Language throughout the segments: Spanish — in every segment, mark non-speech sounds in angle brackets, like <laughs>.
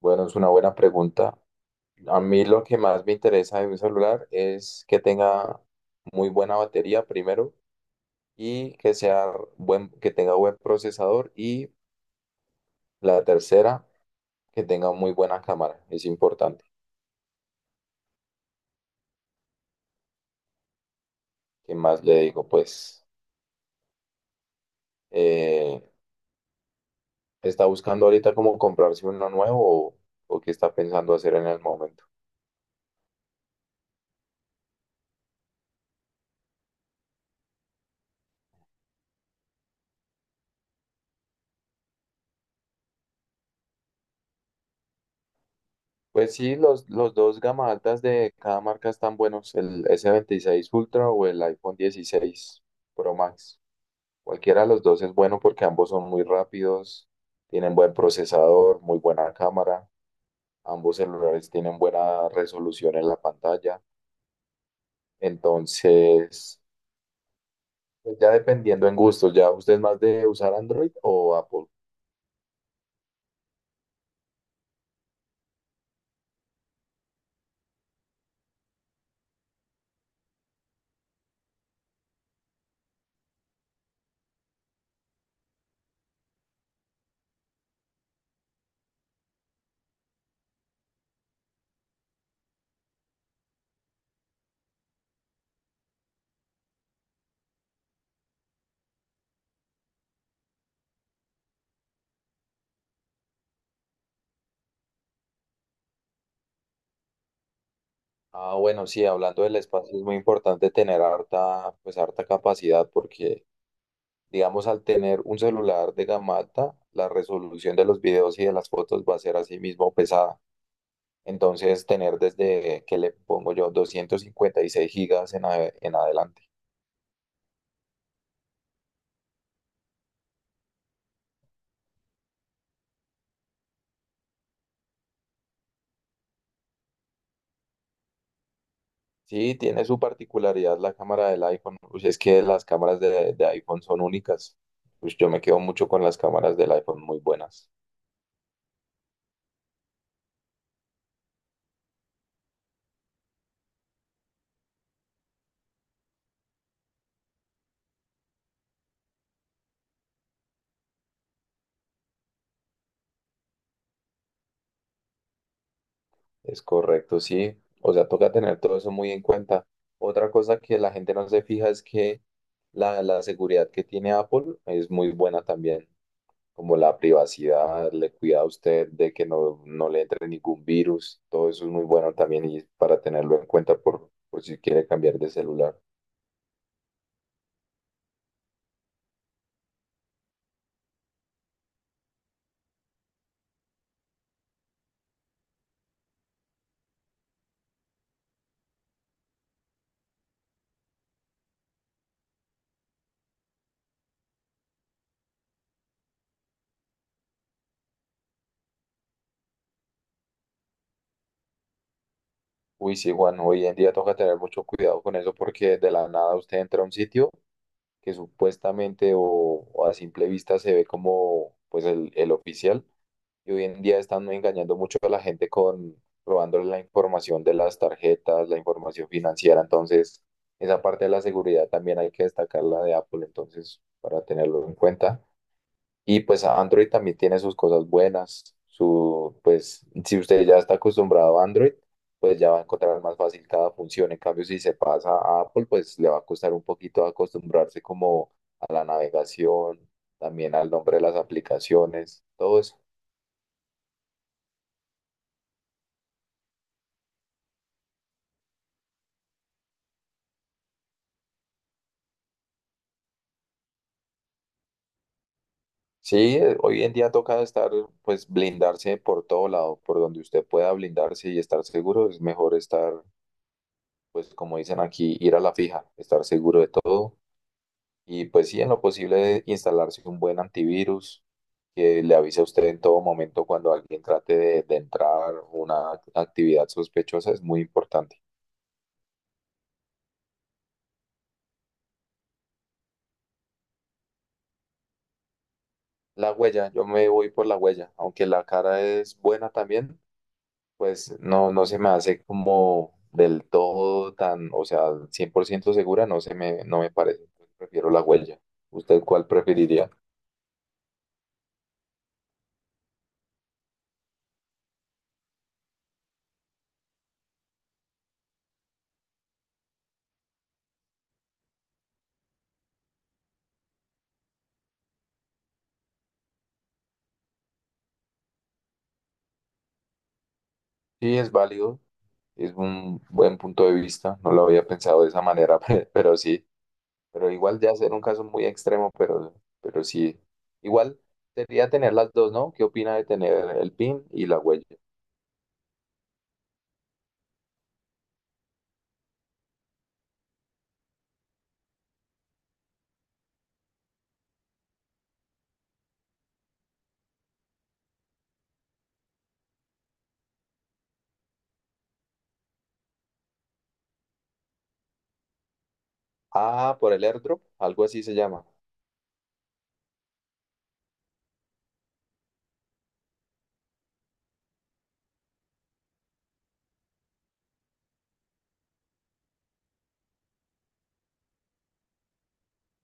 Bueno, es una buena pregunta. A mí lo que más me interesa de mi celular es que tenga muy buena batería primero y que sea que tenga buen procesador y la tercera, que tenga muy buena cámara. Es importante. ¿Qué más le digo? Pues, eh, ¿está buscando ahorita cómo comprarse uno nuevo o qué está pensando hacer en el momento? Pues sí, los dos gama altas de cada marca están buenos, el s 26 Ultra o el iPhone 16 Pro Max. Cualquiera de los dos es bueno porque ambos son muy rápidos, tienen buen procesador, muy buena cámara, ambos celulares tienen buena resolución en la pantalla. Entonces, pues ya dependiendo en gustos, ¿ya usted es más de usar Android o Apple? Ah, bueno, sí, hablando del espacio es muy importante tener harta, pues harta capacidad porque, digamos, al tener un celular de gama alta, la resolución de los videos y de las fotos va a ser así mismo pesada. Entonces, tener desde que le pongo yo 256 gigas en adelante. Sí, tiene su particularidad la cámara del iPhone. Pues es que las cámaras de iPhone son únicas. Pues yo me quedo mucho con las cámaras del iPhone muy buenas. Es correcto, sí. O sea, toca tener todo eso muy en cuenta. Otra cosa que la gente no se fija es que la seguridad que tiene Apple es muy buena también. Como la privacidad, le cuida a usted de que no, no le entre ningún virus. Todo eso es muy bueno también y para tenerlo en cuenta por si quiere cambiar de celular. Uy, sí, Juan, hoy en día toca tener mucho cuidado con eso porque de la nada usted entra a un sitio que supuestamente o a simple vista se ve como pues el oficial. Y hoy en día están engañando mucho a la gente con robándole la información de las tarjetas, la información financiera. Entonces, esa parte de la seguridad también hay que destacarla de Apple, entonces, para tenerlo en cuenta. Y pues Android también tiene sus cosas buenas. Si usted ya está acostumbrado a Android, pues ya va a encontrar más fácil cada función. En cambio, si se pasa a Apple, pues le va a costar un poquito acostumbrarse como a la navegación, también al nombre de las aplicaciones, todo eso. Sí, hoy en día toca estar, pues blindarse por todo lado, por donde usted pueda blindarse y estar seguro, es mejor estar, pues como dicen aquí, ir a la fija, estar seguro de todo. Y pues sí, en lo posible instalarse un buen antivirus que le avise a usted en todo momento cuando alguien trate de entrar una actividad sospechosa es muy importante. La huella, yo me voy por la huella, aunque la cara es buena también, pues no, no se me hace como del todo tan, o sea, 100% segura, no me parece. Prefiero la huella. ¿Usted cuál preferiría? Sí, es válido, es un buen punto de vista, no lo había pensado de esa manera, <laughs> pero sí. Pero igual ya ser un caso muy extremo, pero sí, igual sería tener las dos, ¿no? ¿Qué opina de tener el PIN y la huella? Ah, por el airdrop, algo así se llama.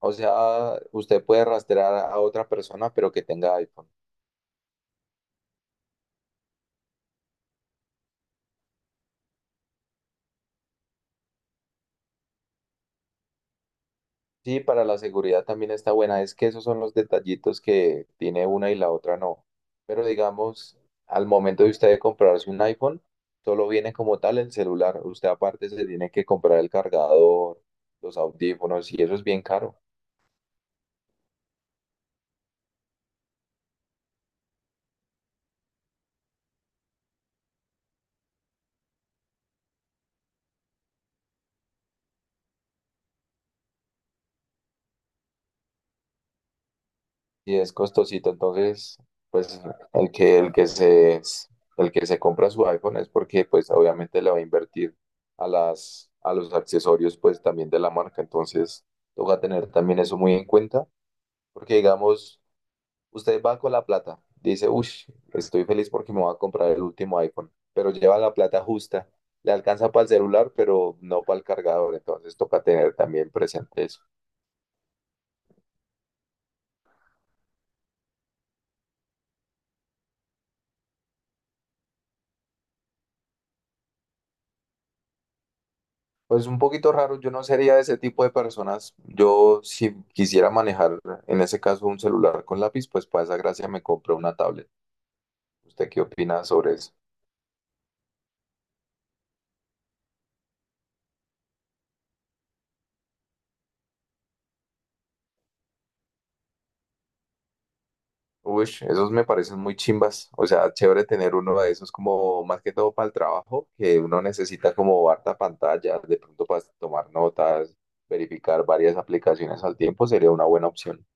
O sea, usted puede rastrear a otra persona, pero que tenga iPhone. Sí, para la seguridad también está buena. Es que esos son los detallitos que tiene una y la otra no. Pero digamos, al momento de usted comprarse un iPhone, solo viene como tal el celular. Usted aparte se tiene que comprar el cargador, los audífonos y eso es bien caro. Y es costosito, entonces, pues el que, el que se, el que se compra su iPhone es porque, pues, obviamente le va a invertir a los accesorios, pues, también de la marca, entonces, toca tener también eso muy en cuenta, porque, digamos, usted va con la plata, dice, uff, estoy feliz porque me voy a comprar el último iPhone, pero lleva la plata justa, le alcanza para el celular, pero no para el cargador, entonces, toca tener también presente eso. Pues un poquito raro, yo no sería de ese tipo de personas. Yo si quisiera manejar en ese caso un celular con lápiz, pues para esa gracia me compro una tablet. ¿Usted qué opina sobre eso? Uy, esos me parecen muy chimbas. O sea, chévere tener uno de esos como más que todo para el trabajo, que uno necesita como harta pantalla, de pronto para tomar notas, verificar varias aplicaciones al tiempo sería una buena opción.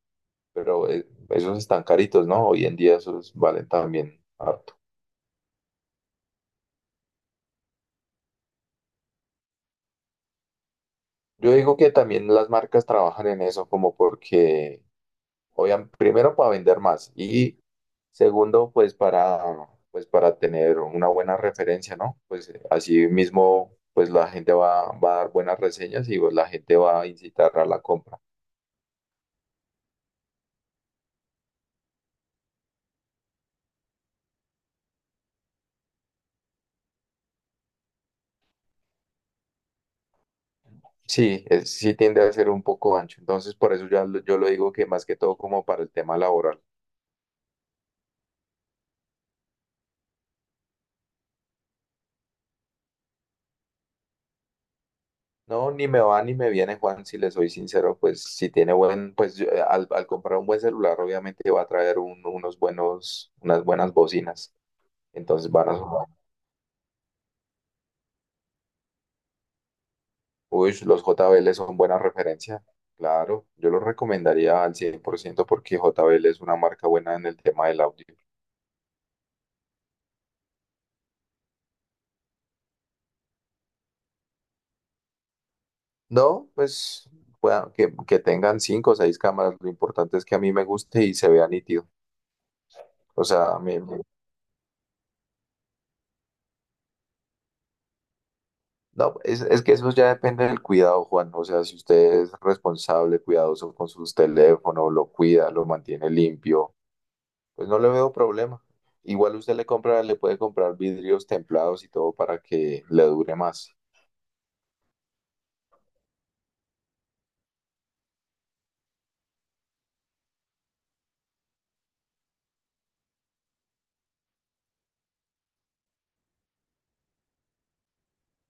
Pero esos están caritos, ¿no? Hoy en día esos valen también ah, yo digo que también las marcas trabajan en eso como porque, obviamente, primero para vender más y segundo, pues para, pues para tener una buena referencia, ¿no? Pues así mismo, pues la gente va, va a dar buenas reseñas y pues la gente va a incitar a la compra. Sí, sí tiende a ser un poco ancho, entonces por eso ya yo lo digo que más que todo como para el tema laboral. No, ni me va ni me viene, Juan, si le soy sincero, pues si tiene buen, pues yo, al comprar un buen celular, obviamente va a traer unas buenas bocinas. Entonces van a sonar. Uy, los JBL son buena referencia. Claro, yo los recomendaría al 100% porque JBL es una marca buena en el tema del audio. No, pues que tengan cinco o seis cámaras, lo importante es que a mí me guste y se vea nítido. O sea, me, no, es que eso ya depende del cuidado, Juan. O sea, si usted es responsable, cuidadoso con sus teléfonos, lo cuida, lo mantiene limpio, pues no le veo problema. Igual usted le compra, le puede comprar vidrios templados y todo para que le dure más.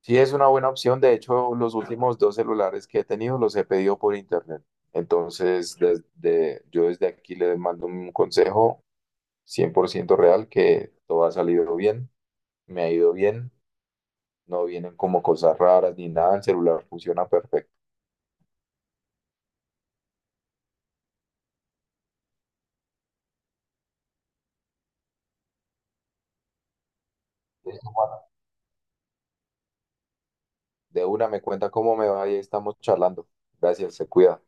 Sí, es una buena opción. De hecho, los últimos dos celulares que he tenido los he pedido por internet. Entonces, desde, yo desde aquí le mando un consejo 100% real que todo ha salido bien, me ha ido bien. No vienen como cosas raras ni nada, el celular funciona perfecto. De una me cuenta cómo me va y ahí estamos charlando. Gracias, se cuida.